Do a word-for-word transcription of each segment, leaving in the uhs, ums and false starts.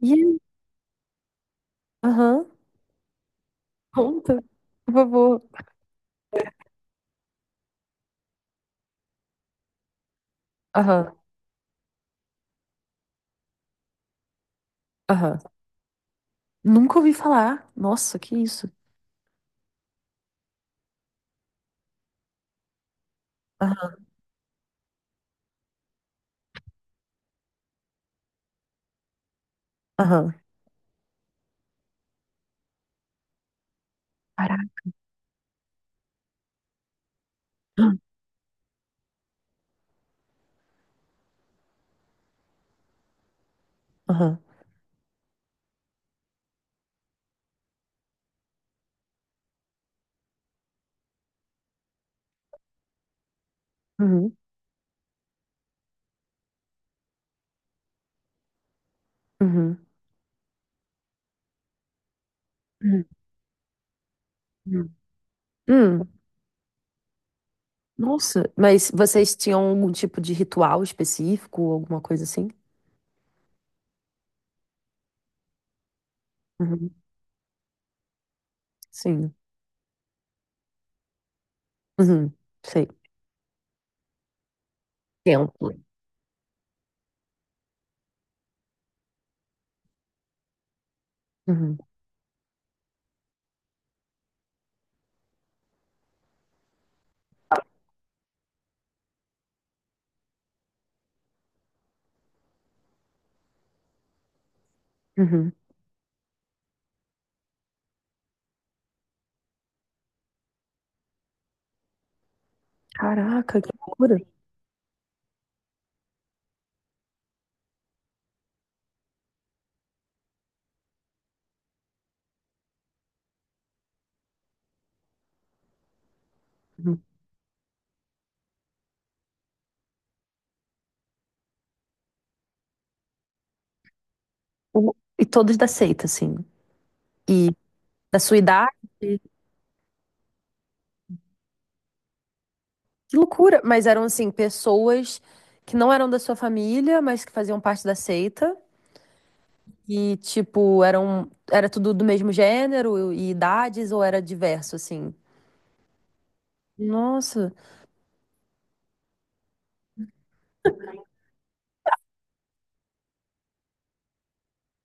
E aí? Aham. Conta, por favor. Aham, aham. Nunca ouvi falar. Nossa, que isso? Aham, aham. Caraca. Aham. Uhum, uhum, uhum, uhum. Hum, Nossa, mas vocês tinham algum tipo de ritual específico, alguma coisa assim? Uhum, sim. Uhum, sei. Templo. Uhum, uhum. Caraca, que loucura. Uhum. O- E todos da seita, assim. E da sua idade? Que loucura! Mas eram, assim, pessoas que não eram da sua família, mas que faziam parte da seita. E, tipo, eram, era tudo do mesmo gênero e idades, ou era diverso, assim? Nossa!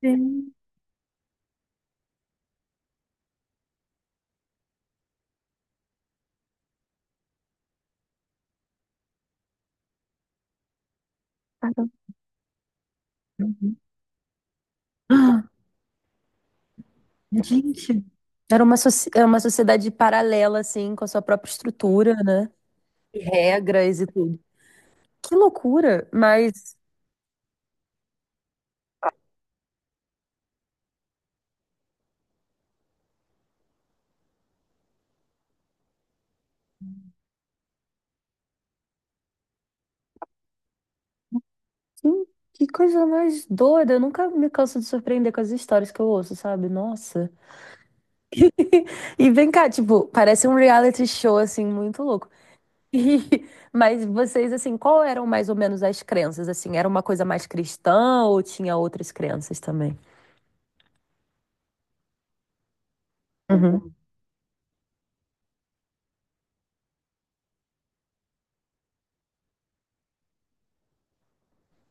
Sim. Caramba. Ah, gente. Era uma, soci- é uma sociedade paralela, assim, com a sua própria estrutura, né? E regras e tudo. Que loucura! Mas que, que coisa mais doida! Eu nunca me canso de surpreender com as histórias que eu ouço, sabe? Nossa! E vem cá, tipo, parece um reality show, assim, muito louco. E- mas vocês, assim, qual eram mais ou menos as crenças? Assim, era uma coisa mais cristã ou tinha outras crenças também? Uhum,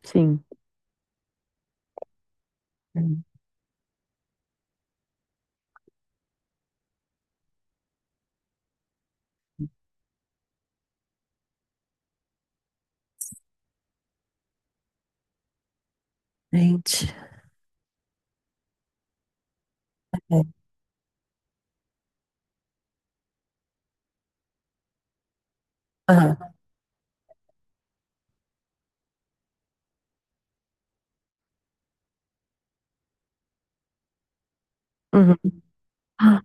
sim. Gente. É. Aham. Uhum. Ah,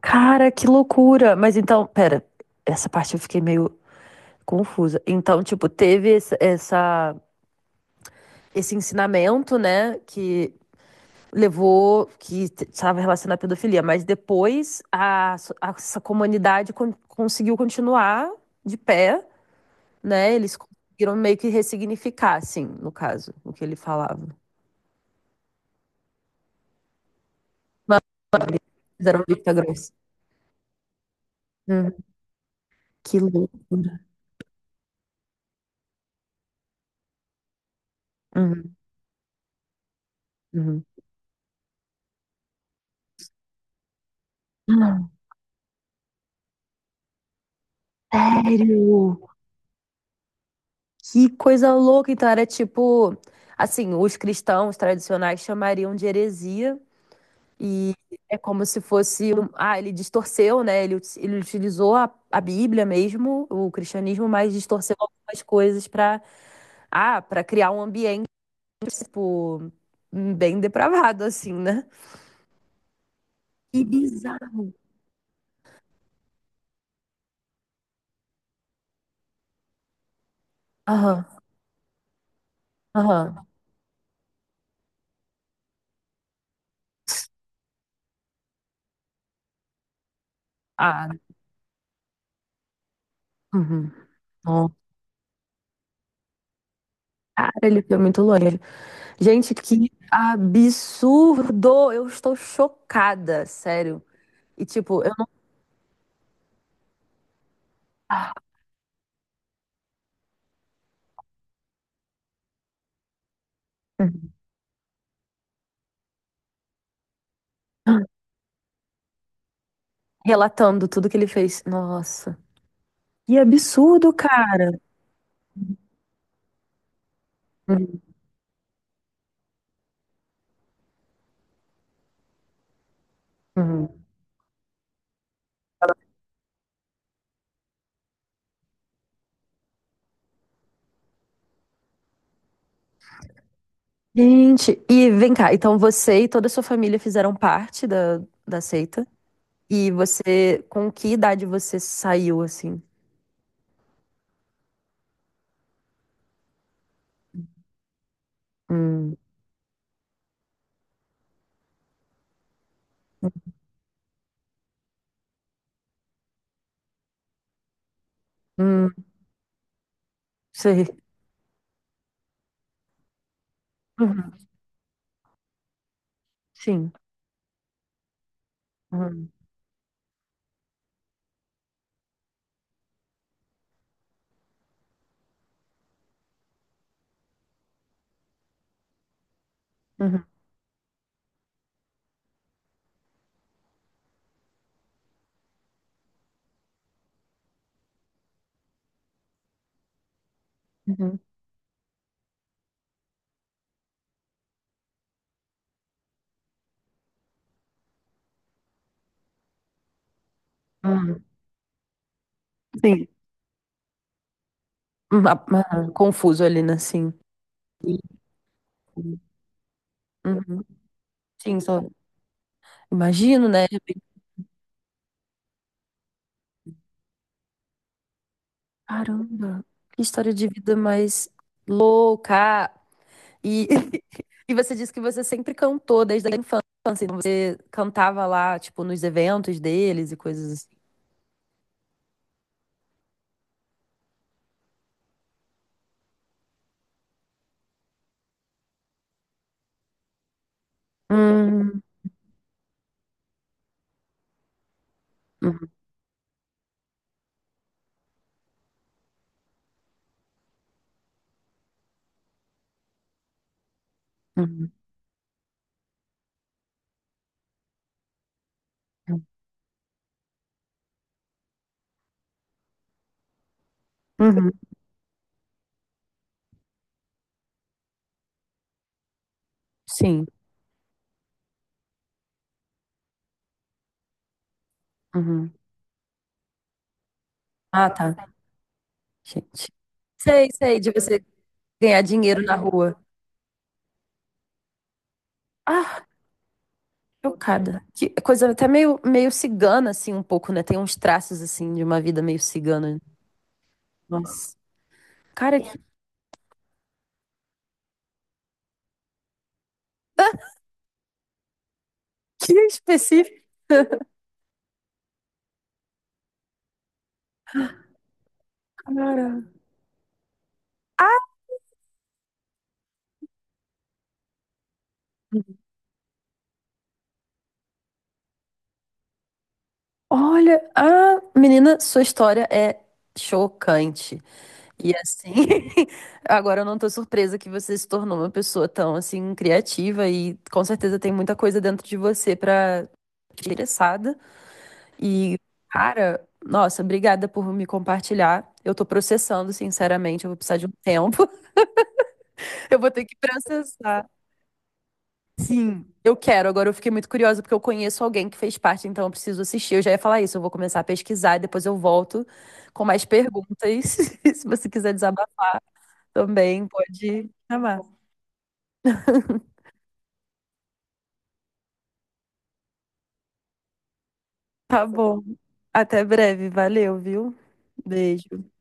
cara, que loucura! Mas então, pera, essa parte eu fiquei meio confusa. Então, tipo, teve esse, essa, esse ensinamento, né, que levou que estava relacionado à pedofilia, mas depois a, so- a- essa comunidade con- conseguiu continuar de pé, né? Eles conseguiram meio que ressignificar, assim, no caso, o que ele falava. Eles fizeram vista grossa. Uhum. Que loucura. Uhum, uhum. Sério? Que coisa louca! Então era tipo, assim, os cristãos tradicionais chamariam de heresia. E é como se fosse. Um- Ah, ele distorceu, né? Ele, ut- ele utilizou a, a Bíblia mesmo, o cristianismo, mas distorceu algumas coisas para ah, para criar um ambiente, tipo, bem depravado, assim, né? Que bizarro. Aham, aham. Ah, uhum. Ó, cara, ele foi muito longe. Gente, que absurdo! Eu estou chocada, sério. E, tipo, eu não. Relatando tudo que ele fez. Nossa. Que absurdo, cara. Uhum, uhum. Gente, e vem cá, então você e toda a sua família fizeram parte da, da seita? E você, com que idade você saiu assim? Hum, hum, sei. Uhum, sim. Uhum, uhum, uhum, uhum, sim. Uhum, ah, ah, Confuso ali, né? Sim. Sim, sim. Uhum, sim, só imagino, né? De repente, caramba, que história de vida mais louca! E, e você disse que você sempre cantou desde a infância, então você cantava lá, tipo, nos eventos deles e coisas assim. Hum, uhum, uhum, uhum, sim. Uhum. Ah, tá. Gente. Sei, sei, de você ganhar dinheiro na rua. Ah, chocada. Que coisa até meio, meio cigana, assim, um pouco, né? Tem uns traços, assim, de uma vida meio cigana. Nossa. Cara, que, que específico, cara. Olha, ah, menina, sua história é chocante. E assim, agora eu não tô surpresa que você se tornou uma pessoa tão assim criativa e com certeza tem muita coisa dentro de você pra interessada. E cara, nossa, obrigada por me compartilhar. Eu tô processando, sinceramente, eu vou precisar de um tempo. Eu vou ter que processar. Sim, eu quero. Agora eu fiquei muito curiosa porque eu conheço alguém que fez parte, então eu preciso assistir. Eu já ia falar isso, eu vou começar a pesquisar e depois eu volto com mais perguntas. Se você quiser desabafar também, pode chamar. Tá bom. Até breve. Valeu, viu? Beijo.